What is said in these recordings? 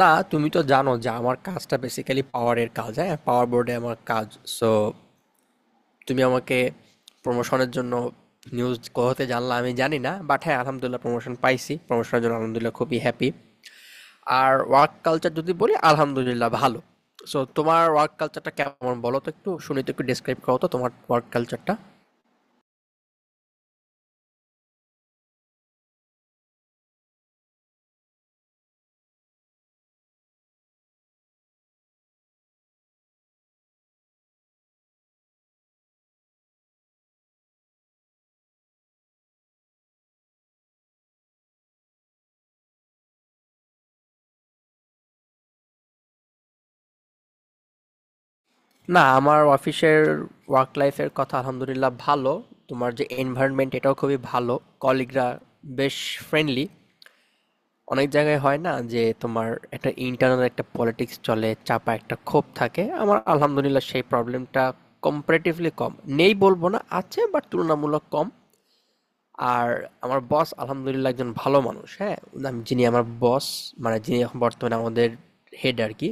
না, তুমি তো জানো যে আমার কাজটা বেসিক্যালি পাওয়ারের কাজ, হ্যাঁ? পাওয়ার বোর্ডে আমার কাজ। সো তুমি আমাকে প্রমোশনের জন্য নিউজ কোথাতে জানলা আমি জানি না। বাট হ্যাঁ, আলহামদুলিল্লাহ প্রমোশন পাইছি। প্রমোশনের জন্য আলহামদুলিল্লাহ খুবই হ্যাপি। আর ওয়ার্ক কালচার যদি বলি আলহামদুলিল্লাহ ভালো। সো তোমার ওয়ার্ক কালচারটা কেমন বলো তো একটু? শুনি তো একটু ডেসক্রাইব করো তো তোমার ওয়ার্ক কালচারটা। না, আমার অফিসের ওয়ার্ক লাইফের কথা আলহামদুলিল্লাহ ভালো। তোমার যে এনভায়রনমেন্ট এটাও খুবই ভালো। কলিগরা বেশ ফ্রেন্ডলি। অনেক জায়গায় হয় না যে তোমার একটা ইন্টারনাল একটা পলিটিক্স চলে, চাপা একটা ক্ষোভ থাকে। আমার আলহামদুলিল্লাহ সেই প্রবলেমটা কম্পারেটিভলি কম, নেই বলবো না, আছে, বাট তুলনামূলক কম। আর আমার বস আলহামদুলিল্লাহ একজন ভালো মানুষ, হ্যাঁ, যিনি আমার বস, মানে যিনি এখন বর্তমানে আমাদের হেড আর কি,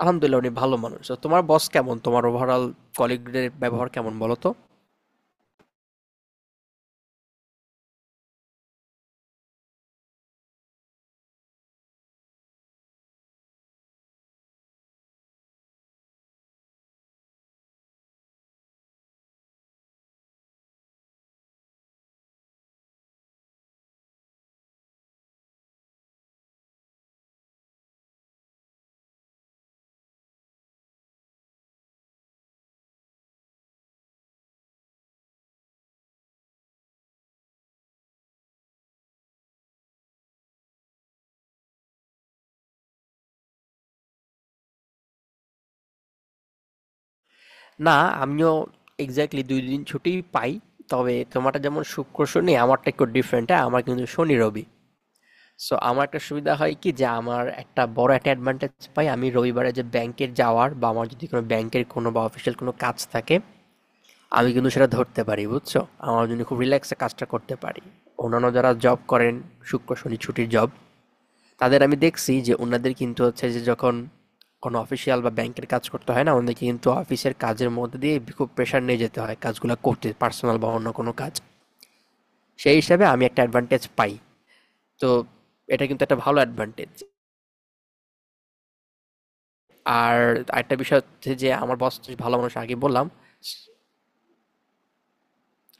আলহামদুলিল্লাহ উনি ভালো মানুষ। তো তোমার বস কেমন, তোমার ওভারঅল কলিগদের ব্যবহার কেমন বলো তো? না, আমিও এক্সাক্টলি ২ দিন ছুটি পাই। তবে তোমারটা যেমন শুক্র শনি, আমারটা একটু ডিফারেন্ট, হ্যাঁ? আমার কিন্তু শনি রবি। সো আমার একটা সুবিধা হয় কি যে আমার একটা বড় একটা অ্যাডভান্টেজ পাই, আমি রবিবারে যে ব্যাংকের যাওয়ার বা আমার যদি কোনো ব্যাংকের কোনো বা অফিসিয়াল কোনো কাজ থাকে, আমি কিন্তু সেটা ধরতে পারি, বুঝছো? আমার জন্য খুব রিল্যাক্সে কাজটা করতে পারি। অন্যান্য যারা জব করেন শুক্র শনি ছুটির জব, তাদের আমি দেখছি যে উনাদের কিন্তু হচ্ছে যে যখন কোনো অফিসিয়াল বা ব্যাংকের কাজ করতে হয়, না, ওনাদেরকে কিন্তু অফিসের কাজের মধ্যে দিয়ে খুব প্রেশার নিয়ে যেতে হয় কাজগুলো করতে, পার্সোনাল বা অন্য কোনো কাজ। সেই হিসাবে আমি একটা অ্যাডভান্টেজ পাই। তো এটা কিন্তু একটা ভালো অ্যাডভান্টেজ। আর একটা বিষয় হচ্ছে যে আমার বস ভালো মানুষ, আগে বললাম।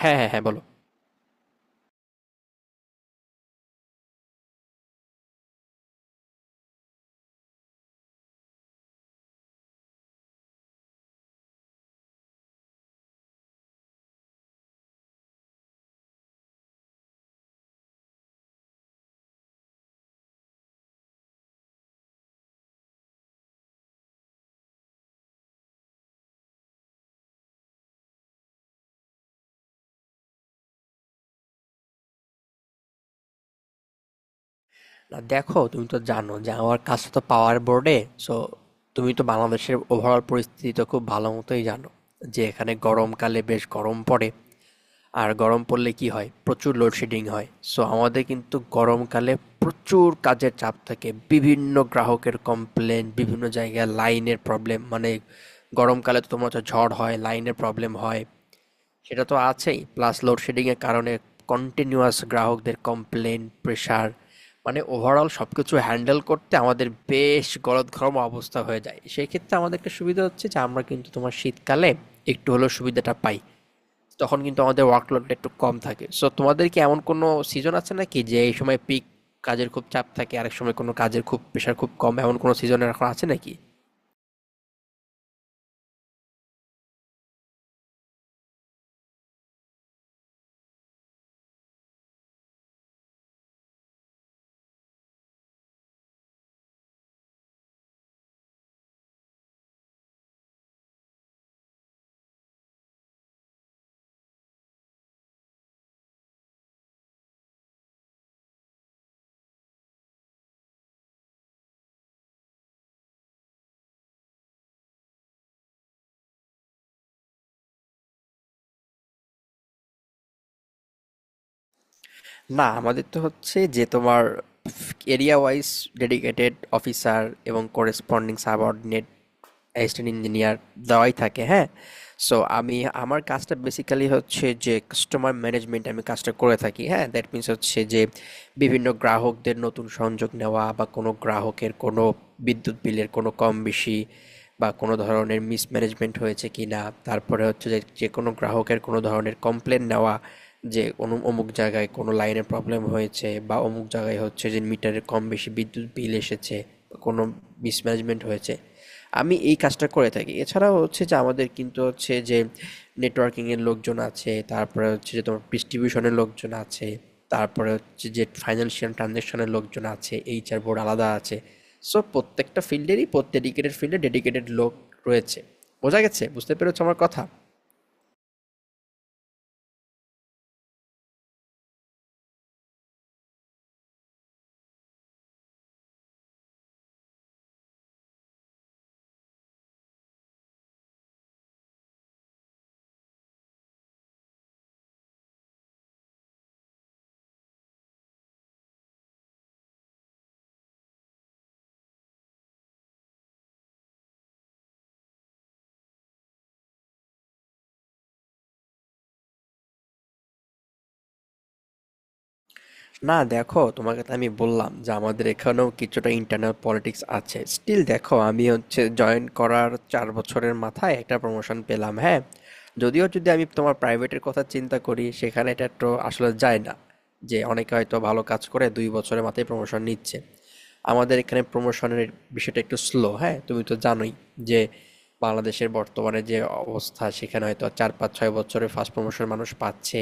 হ্যাঁ, হ্যাঁ, হ্যাঁ, বলো। না দেখো, তুমি তো জানো যে আমার কাজটা তো পাওয়ার বোর্ডে। সো তুমি তো বাংলাদেশের ওভারঅল পরিস্থিতি তো খুব ভালো মতোই জানো যে এখানে গরমকালে বেশ গরম পড়ে। আর গরম পড়লে কি হয়, প্রচুর লোডশেডিং হয়। সো আমাদের কিন্তু গরমকালে প্রচুর কাজের চাপ থাকে, বিভিন্ন গ্রাহকের কমপ্লেন, বিভিন্ন জায়গায় লাইনের প্রবলেম। মানে গরমকালে তো তোমার হচ্ছে ঝড় হয়, লাইনের প্রবলেম হয়, সেটা তো আছেই, প্লাস লোডশেডিংয়ের কারণে কন্টিনিউয়াস গ্রাহকদের কমপ্লেন, প্রেশার। মানে ওভারঅল সব কিছু হ্যান্ডেল করতে আমাদের বেশ গলদঘর্ম অবস্থা হয়ে যায়। সেই ক্ষেত্রে আমাদের একটা সুবিধা হচ্ছে যে আমরা কিন্তু তোমার শীতকালে একটু হলেও সুবিধাটা পাই, তখন কিন্তু আমাদের ওয়ার্কলোডটা একটু কম থাকে। সো তোমাদের কি এমন কোনো সিজন আছে নাকি যে এই সময় পিক কাজের খুব চাপ থাকে, আরেক সময় কোনো কাজের খুব প্রেশার খুব কম, এমন কোনো সিজন এখন আছে নাকি? না, আমাদের তো হচ্ছে যে তোমার এরিয়া ওয়াইজ ডেডিকেটেড অফিসার এবং করেসপন্ডিং সাবঅর্ডিনেট অ্যাসিস্ট্যান্ট ইঞ্জিনিয়ার দেওয়াই থাকে, হ্যাঁ। সো আমি, আমার কাজটা বেসিক্যালি হচ্ছে যে কাস্টমার ম্যানেজমেন্ট, আমি কাজটা করে থাকি, হ্যাঁ। দ্যাট মিন্স হচ্ছে যে বিভিন্ন গ্রাহকদের নতুন সংযোগ নেওয়া, বা কোনো গ্রাহকের কোনো বিদ্যুৎ বিলের কোনো কম বেশি বা কোনো ধরনের মিসম্যানেজমেন্ট হয়েছে কি না, তারপরে হচ্ছে যে যে কোনো গ্রাহকের কোনো ধরনের কমপ্লেন নেওয়া, যে কোনো অমুক জায়গায় কোনো লাইনের প্রবলেম হয়েছে বা অমুক জায়গায় হচ্ছে যে মিটারে কম বেশি বিদ্যুৎ বিল এসেছে বা কোনো মিসম্যানেজমেন্ট হয়েছে, আমি এই কাজটা করে থাকি। এছাড়াও হচ্ছে যে আমাদের কিন্তু হচ্ছে যে নেটওয়ার্কিংয়ের লোকজন আছে, তারপরে হচ্ছে যে তোমার ডিস্ট্রিবিউশনের লোকজন আছে, তারপরে হচ্ছে যে ফাইন্যান্সিয়াল ট্রানজ্যাকশনের লোকজন আছে, এইচআর বোর্ড আলাদা আছে। সো প্রত্যেকটা ফিল্ডেরই ডেডিকেটেড ফিল্ডে ডেডিকেটেড লোক রয়েছে। বোঝা গেছে? বুঝতে পেরেছো আমার কথা? না দেখো, তোমাকে তো আমি বললাম যে আমাদের এখানেও কিছুটা ইন্টারনাল পলিটিক্স আছে, স্টিল দেখো আমি হচ্ছে জয়েন করার চার বছরের মাথায় একটা প্রমোশন পেলাম, হ্যাঁ। যদিও যদি আমি তোমার প্রাইভেটের কথা চিন্তা করি সেখানে এটা তো আসলে যায় না, যে অনেকে হয়তো ভালো কাজ করে দুই বছরের মাথায় প্রমোশন নিচ্ছে। আমাদের এখানে প্রমোশনের বিষয়টা একটু স্লো, হ্যাঁ। তুমি তো জানোই যে বাংলাদেশের বর্তমানে যে অবস্থা, সেখানে হয়তো চার পাঁচ ছয় বছরে ফার্স্ট প্রমোশন মানুষ পাচ্ছে।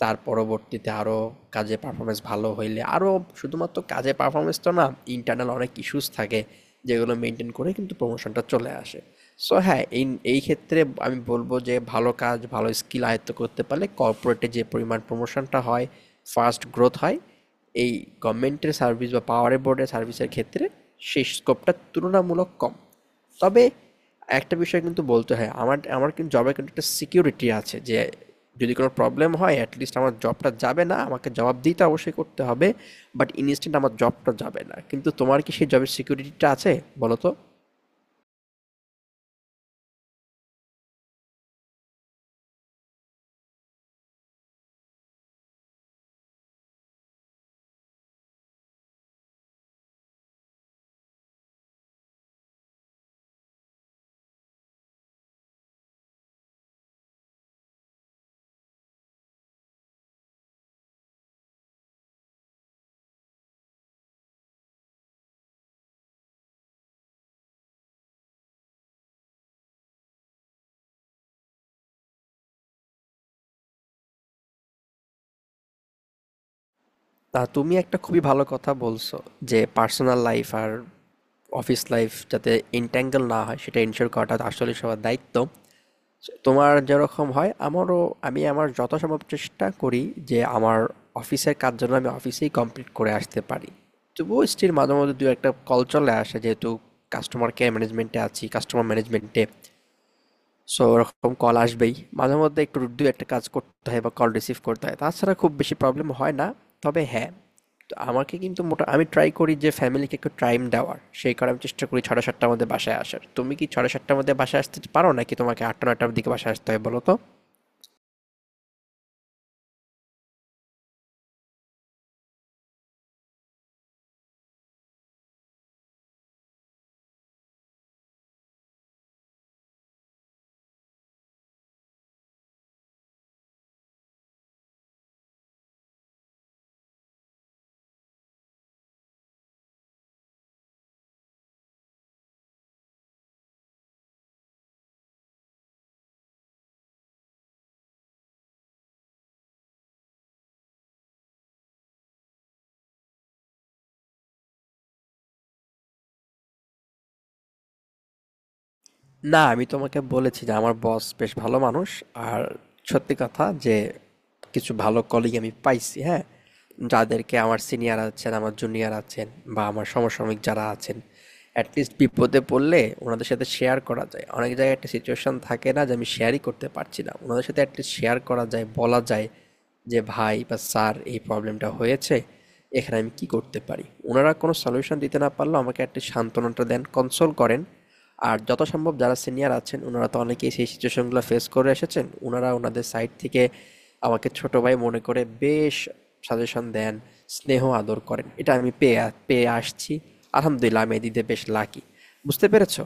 তার পরবর্তীতে আরও কাজে পারফরমেন্স ভালো হইলে আরও, শুধুমাত্র কাজে পারফরমেন্স তো না, ইন্টারনাল অনেক ইস্যুস থাকে যেগুলো মেনটেন করে কিন্তু প্রমোশনটা চলে আসে। সো হ্যাঁ, এই এই ক্ষেত্রে আমি বলবো যে ভালো কাজ, ভালো স্কিল আয়ত্ত করতে পারলে কর্পোরেটে যে পরিমাণ প্রমোশনটা হয়, ফাস্ট গ্রোথ হয়, এই গভর্নমেন্টের সার্ভিস বা পাওয়ার বোর্ডের সার্ভিসের ক্ষেত্রে সেই স্কোপটা তুলনামূলক কম। তবে একটা বিষয় কিন্তু বলতে হয়, আমার আমার কিন্তু জবের কিন্তু একটা সিকিউরিটি আছে, যে যদি কোনো প্রবলেম হয় অ্যাটলিস্ট আমার জবটা যাবে না, আমাকে জবাবদিহিতা অবশ্যই করতে হবে বাট ইনস্ট্যান্ট আমার জবটা যাবে না। কিন্তু তোমার কি সেই জবের সিকিউরিটিটা আছে, বলো তো? তা তুমি একটা খুবই ভালো কথা বলছো যে পার্সোনাল লাইফ আর অফিস লাইফ যাতে ইন্ট্যাঙ্গল না হয় সেটা ইনশিওর করাটা আসলে সবার দায়িত্ব। তোমার যেরকম হয় আমারও। আমার যথাসম্ভব চেষ্টা করি যে আমার অফিসের কাজ যেন আমি অফিসেই কমপ্লিট করে আসতে পারি। তবুও স্টিল মাঝে মধ্যে দু একটা কল চলে আসে, যেহেতু কাস্টমার কেয়ার ম্যানেজমেন্টে আছি, কাস্টমার ম্যানেজমেন্টে। সো ওরকম কল আসবেই, মাঝে মধ্যে একটু দু একটা কাজ করতে হয় বা কল রিসিভ করতে হয়, তাছাড়া খুব বেশি প্রবলেম হয় না। তবে হ্যাঁ, তো আমাকে কিন্তু মোটা আমি ট্রাই করি যে ফ্যামিলিকে একটু টাইম দেওয়ার, সেই কারণে আমি চেষ্টা করি ছটা সাতটার মধ্যে বাসায় আসার। তুমি কি ছটা সাতটার মধ্যে বাসায় আসতে পারো নাকি তোমাকে আটটা নয়টার দিকে বাসায় আসতে হয়, বলো তো? না, আমি তোমাকে বলেছি যে আমার বস বেশ ভালো মানুষ। আর সত্যি কথা যে কিছু ভালো কলিগ আমি পাইছি, হ্যাঁ? যাদেরকে, আমার সিনিয়র আছেন, আমার জুনিয়র আছেন বা আমার সমসাময়িক যারা আছেন, at least বিপদে পড়লে ওনাদের সাথে শেয়ার করা যায়। অনেক জায়গায় একটা সিচুয়েশন থাকে না যে আমি শেয়ারই করতে পারছি না। ওনাদের সাথে at least শেয়ার করা যায়, বলা যায় যে ভাই বা স্যার এই প্রবলেমটা হয়েছে, এখানে আমি কি করতে পারি? ওনারা কোনো সলিউশন দিতে না পারলেও আমাকে একটা সান্ত্বনাটা দেন, কনসোল করেন। আর যত সম্ভব যারা সিনিয়র আছেন উনারা তো অনেকেই সেই সিচুয়েশনগুলো ফেস করে এসেছেন, উনারা ওনাদের সাইড থেকে আমাকে ছোট ভাই মনে করে বেশ সাজেশন দেন, স্নেহ আদর করেন, এটা আমি পেয়ে আসছি। আলহামদুলিল্লাহ আমি এদিকে বেশ লাকি। বুঝতে পেরেছো?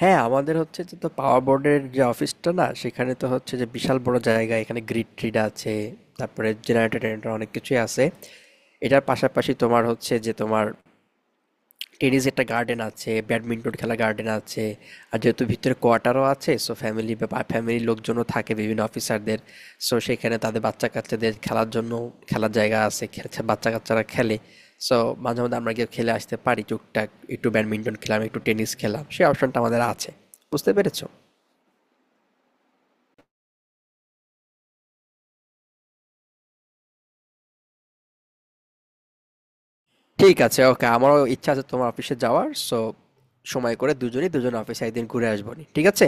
হ্যাঁ, আমাদের হচ্ছে যে তো পাওয়ার বোর্ডের যে অফিসটা না, সেখানে তো হচ্ছে যে বিশাল বড় জায়গা, এখানে গ্রিড ট্রিড আছে, তারপরে জেনারেটর টেনারেটর অনেক কিছুই আছে। এটার পাশাপাশি তোমার হচ্ছে যে তোমার টেনিস একটা গার্ডেন আছে, ব্যাডমিন্টন খেলার গার্ডেন আছে। আর যেহেতু ভিতরে কোয়ার্টারও আছে, সো ফ্যামিলি বা ফ্যামিলির লোকজনও থাকে বিভিন্ন অফিসারদের। সো সেখানে তাদের বাচ্চা কাচ্চাদের খেলার জন্য খেলার জায়গা আছে, খেলছে, বাচ্চা কাচ্চারা খেলে। সো মাঝে মধ্যে আমরা গিয়ে খেলে আসতে পারি টুকটাক, একটু ব্যাডমিন্টন খেলাম, একটু টেনিস খেলাম, সেই অপশনটা আমাদের আছে। বুঝতে পেরেছো? ঠিক আছে, ওকে, আমারও ইচ্ছা আছে তোমার অফিসে যাওয়ার। সো সময় করে দুজনেই দুজন অফিসে একদিন ঘুরে আসবো নি, ঠিক আছে?